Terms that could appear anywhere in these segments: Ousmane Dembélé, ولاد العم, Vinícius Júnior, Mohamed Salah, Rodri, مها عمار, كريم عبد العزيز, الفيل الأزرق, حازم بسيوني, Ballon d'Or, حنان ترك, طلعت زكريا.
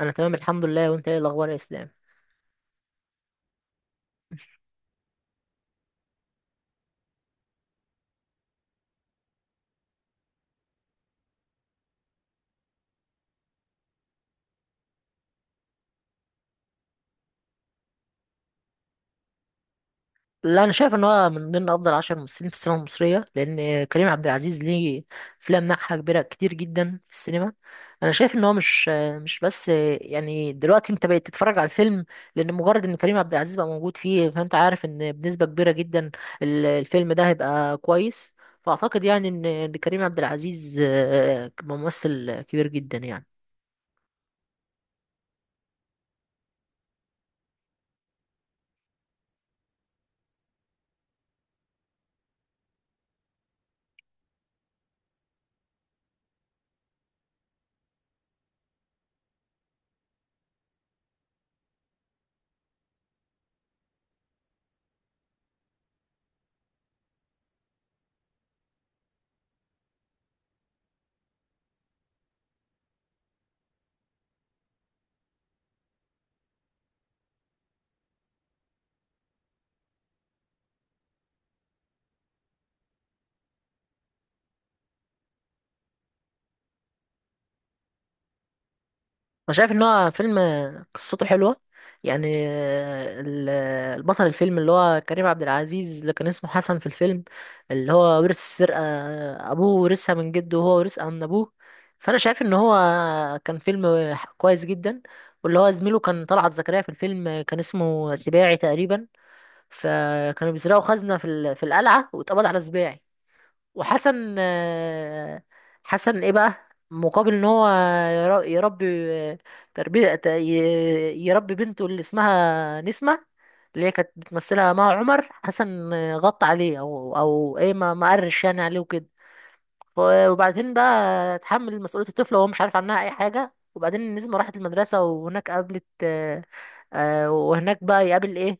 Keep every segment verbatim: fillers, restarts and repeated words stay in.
انا تمام، الحمد لله. وانت ايه الاخبار يا اسلام؟ لا، انا شايف ان هو من ضمن افضل عشر ممثلين في السينما المصريه، لان كريم عبد العزيز ليه افلام ناجحه كبيره كتير جدا في السينما. انا شايف ان هو مش مش بس، يعني دلوقتي انت بقيت تتفرج على الفيلم لان مجرد ان كريم عبد العزيز بقى موجود فيه، فانت عارف ان بنسبه كبيره جدا ال- الفيلم ده هيبقى كويس. فاعتقد يعني ان إن كريم عبد العزيز آه، ممثل كبير جدا يعني. انا شايف ان هو فيلم قصته حلوه، يعني ال- البطل الفيلم اللي هو كريم عبد العزيز اللي كان اسمه حسن في الفيلم، اللي هو ورث السرقه، ابوه ورثها من جده وهو ورثها من ابوه. فانا شايف ان هو كان فيلم كويس جدا. واللي هو زميله كان طلعت زكريا في الفيلم، كان اسمه سباعي تقريبا. فكانوا بيسرقوا خزنه في ال- في القلعه واتقبض على سباعي. وحسن آه، حسن ايه بقى مقابل ان هو ير- يربي تربية ت- ي- يربي بنته اللي اسمها نسمة، اللي هي كانت بتمثلها مها عمر. حسن آه، غطى عليه، او او ايه، ما ما قرش يعني عليه وكده. ف- وبعدين بقى اتحمل مسؤولية الطفل وهو مش عارف عنها أي حاجة. وبعدين النسمة راحت المدرسة، وهناك قابلت آه، آه، وهناك بقى يقابل إيه،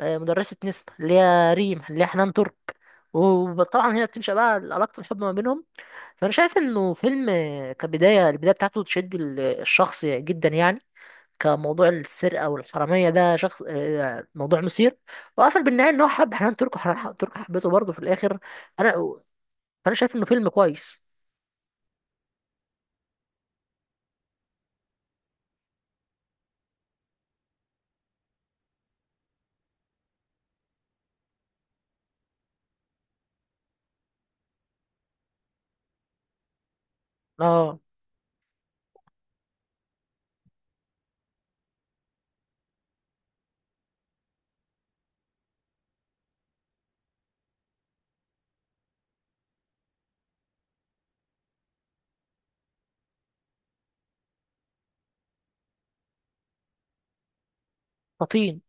آه، مدرسة نسمة اللي هي ريم، اللي هي حنان ترك. وطبعا هنا بتنشأ بقى علاقة الحب ما بينهم. فأنا شايف إنه فيلم، آه، كبداية، البداية بتاعته تشد ال- الشخص جدا يعني. كموضوع السرقة والحرامية، ده شخص، آه، موضوع مثير. وقفل بالنهاية إن هو حب حنان ترك وحنان ترك حبيته برضه في الآخر. أنا فأنا شايف إنه فيلم كويس. اه، فطين.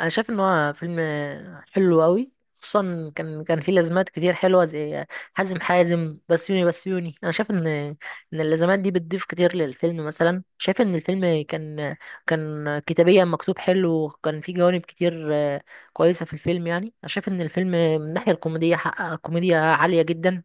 انا شايف ان هو فيلم حلو قوي، خصوصا كان كان فيه لازمات كتير حلوه، زي حازم حازم بسيوني بسيوني. انا شايف ان ان اللازمات دي بتضيف كتير للفيلم. مثلا شايف ان الفيلم كان كان كتابيا مكتوب حلو، وكان فيه جوانب كتير آه، كويسه في الفيلم. يعني انا شايف ان الفيلم من الناحيه الكوميديه حقق كوميديا عاليه جدا،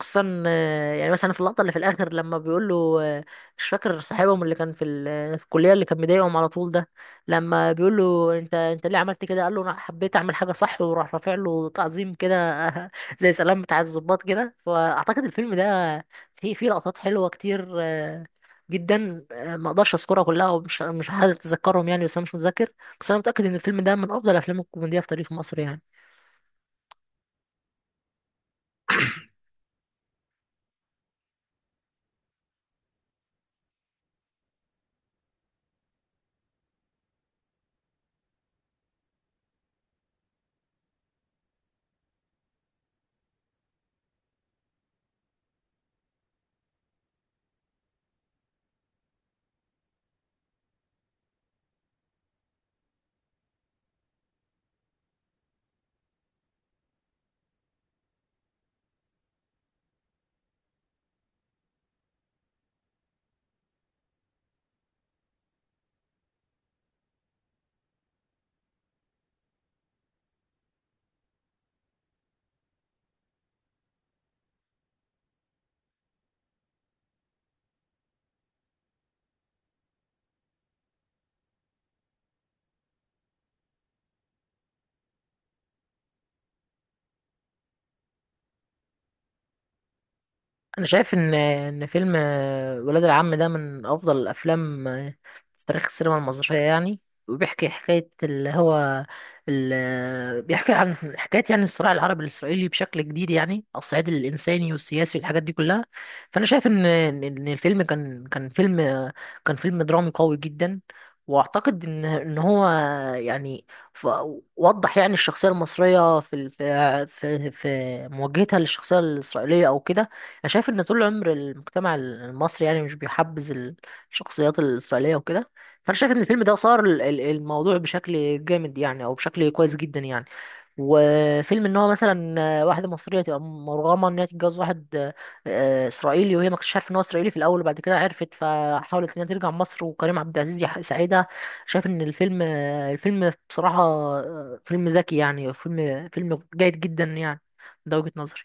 خصوصا آه، يعني مثلا في اللقطه اللي في الاخر لما بيقول له، آه، مش فاكر صاحبهم اللي كان في ال- في الكليه، اللي كان مضايقهم على طول ده، لما بيقول له انت انت ليه عملت كده، قال له انا حبيت اعمل حاجه صح، وراح رافع له تعظيم كده زي سلام بتاع الضباط كده. فاعتقد الفيلم ده فيه فيه لقطات حلوه كتير آه، جدا، آه، ما اقدرش اذكرها كلها، ومش مش هتذكرهم يعني، بس انا مش متذكر. بس انا متاكد ان الفيلم ده من افضل افلام الكوميديا في تاريخ مصر يعني. انا شايف ان ان فيلم آه، ولاد العم ده من افضل الافلام آه، في تاريخ السينما المصريه يعني. وبيحكي حكايه اللي هو ال- بيحكي عن حكايه، يعني الصراع العربي الاسرائيلي بشكل جديد يعني، على الصعيد الانساني والسياسي والحاجات دي كلها. فانا شايف ان ان إن الفيلم كان كان فيلم آه، كان فيلم درامي قوي جدا. واعتقد ان ان هو يعني، ف- وضح يعني الشخصيه المصريه في ال- في في في مواجهتها للشخصيه الاسرائيليه او كده. انا شايف ان طول العمر المجتمع المصري يعني مش بيحبذ ال- الشخصيات الاسرائيليه وكده. فانا شايف ان الفيلم ده صار ال- ال- الموضوع بشكل جامد يعني، او بشكل كويس جدا يعني. وفيلم ان هو مثلا واحده مصريه تبقى مرغمه ان هي تتجوز واحد آه، اسرائيلي، وهي ما كانتش عارفه ان هو اسرائيلي في الاول، وبعد كده عرفت، فحاولت ان هي ترجع مصر، وكريم عبد العزيز يح- يساعدها. شايف ان الفيلم الفيلم بصراحه آه، فيلم ذكي يعني، فيلم فيلم جيد جدا يعني. ده وجهه نظري.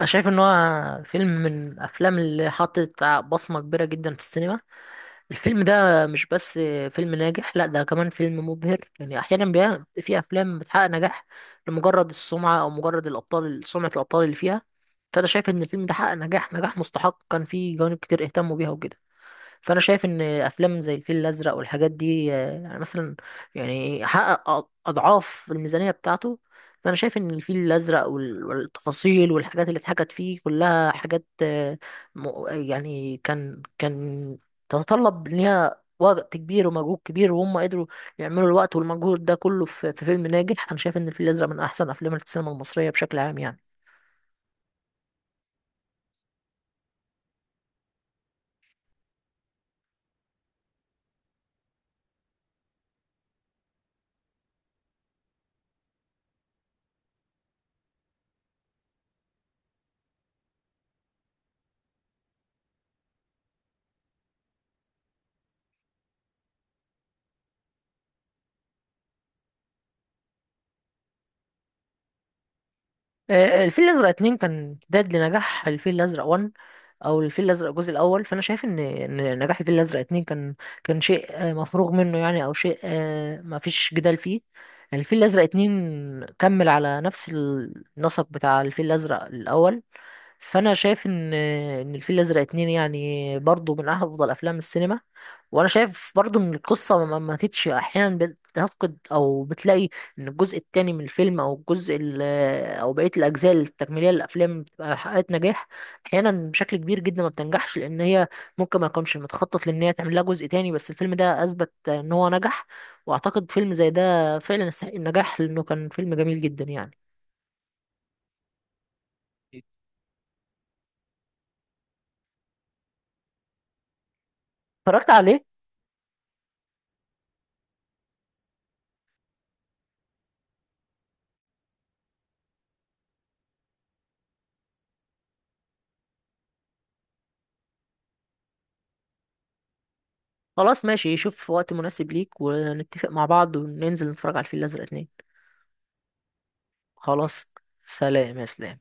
انا شايف ان هو فيلم من الافلام اللي حطت بصمة كبيرة جدا في السينما. الفيلم ده مش بس فيلم ناجح، لا، ده كمان فيلم مبهر. يعني احيانا بيبقى في افلام بتحقق نجاح لمجرد السمعة او مجرد الابطال، سمعة الابطال اللي فيها. فانا شايف ان الفيلم ده حقق نجاح، نجاح مستحق، كان فيه جوانب كتير اهتموا بيها وكده. فانا شايف ان افلام زي الفيل الازرق والحاجات دي آه، يعني مثلا يعني حقق أ- اضعاف الميزانيه بتاعته. فانا شايف ان الفيل الازرق وال- والتفاصيل والحاجات اللي اتحكت فيه كلها حاجات، آه، م- يعني كان كان تتطلب ان هي وقت كبير ومجهود كبير، وهم قدروا يعملوا الوقت والمجهود ده كله في في فيلم ناجح. انا شايف ان الفيل الازرق من احسن افلام السينما المصريه بشكل عام يعني. آه، الفيل الازرق اتنين كان امتداد لنجاح الفيل الازرق واحد، او الفيل الازرق الجزء الاول. فانا شايف ان ان نجاح الفيل الازرق اتنين كان كان شيء آه، مفروغ منه يعني، او شيء آه، ما فيش جدال فيه. الفيل الازرق اتنين كمل على نفس النسق بتاع الفيل الازرق الاول. فانا شايف ان ان الفيل الازرق اتنين يعني برضو من افضل افلام السينما. وانا شايف برضو ان القصه ما ما ماتتش احيانا. بتفقد او بتلاقي ان الجزء التاني من الفيلم او الجزء ال- او بقيه الاجزاء التكميليه للافلام بتبقى حققت نجاح. احيانا بشكل كبير جدا ما بتنجحش لان هي ممكن ما يكونش متخطط لان هي تعمل لها جزء تاني، بس الفيلم ده اثبت ان هو نجح. واعتقد فيلم زي ده فعلا يستحق النجاح لانه كان فيلم جميل جدا يعني. اتفرجت عليه. خلاص، ماشي، شوف وقت مناسب ليك ونتفق مع بعض وننزل نتفرج على الفيل الأزرق اتنين. خلاص. سلام يا سلام.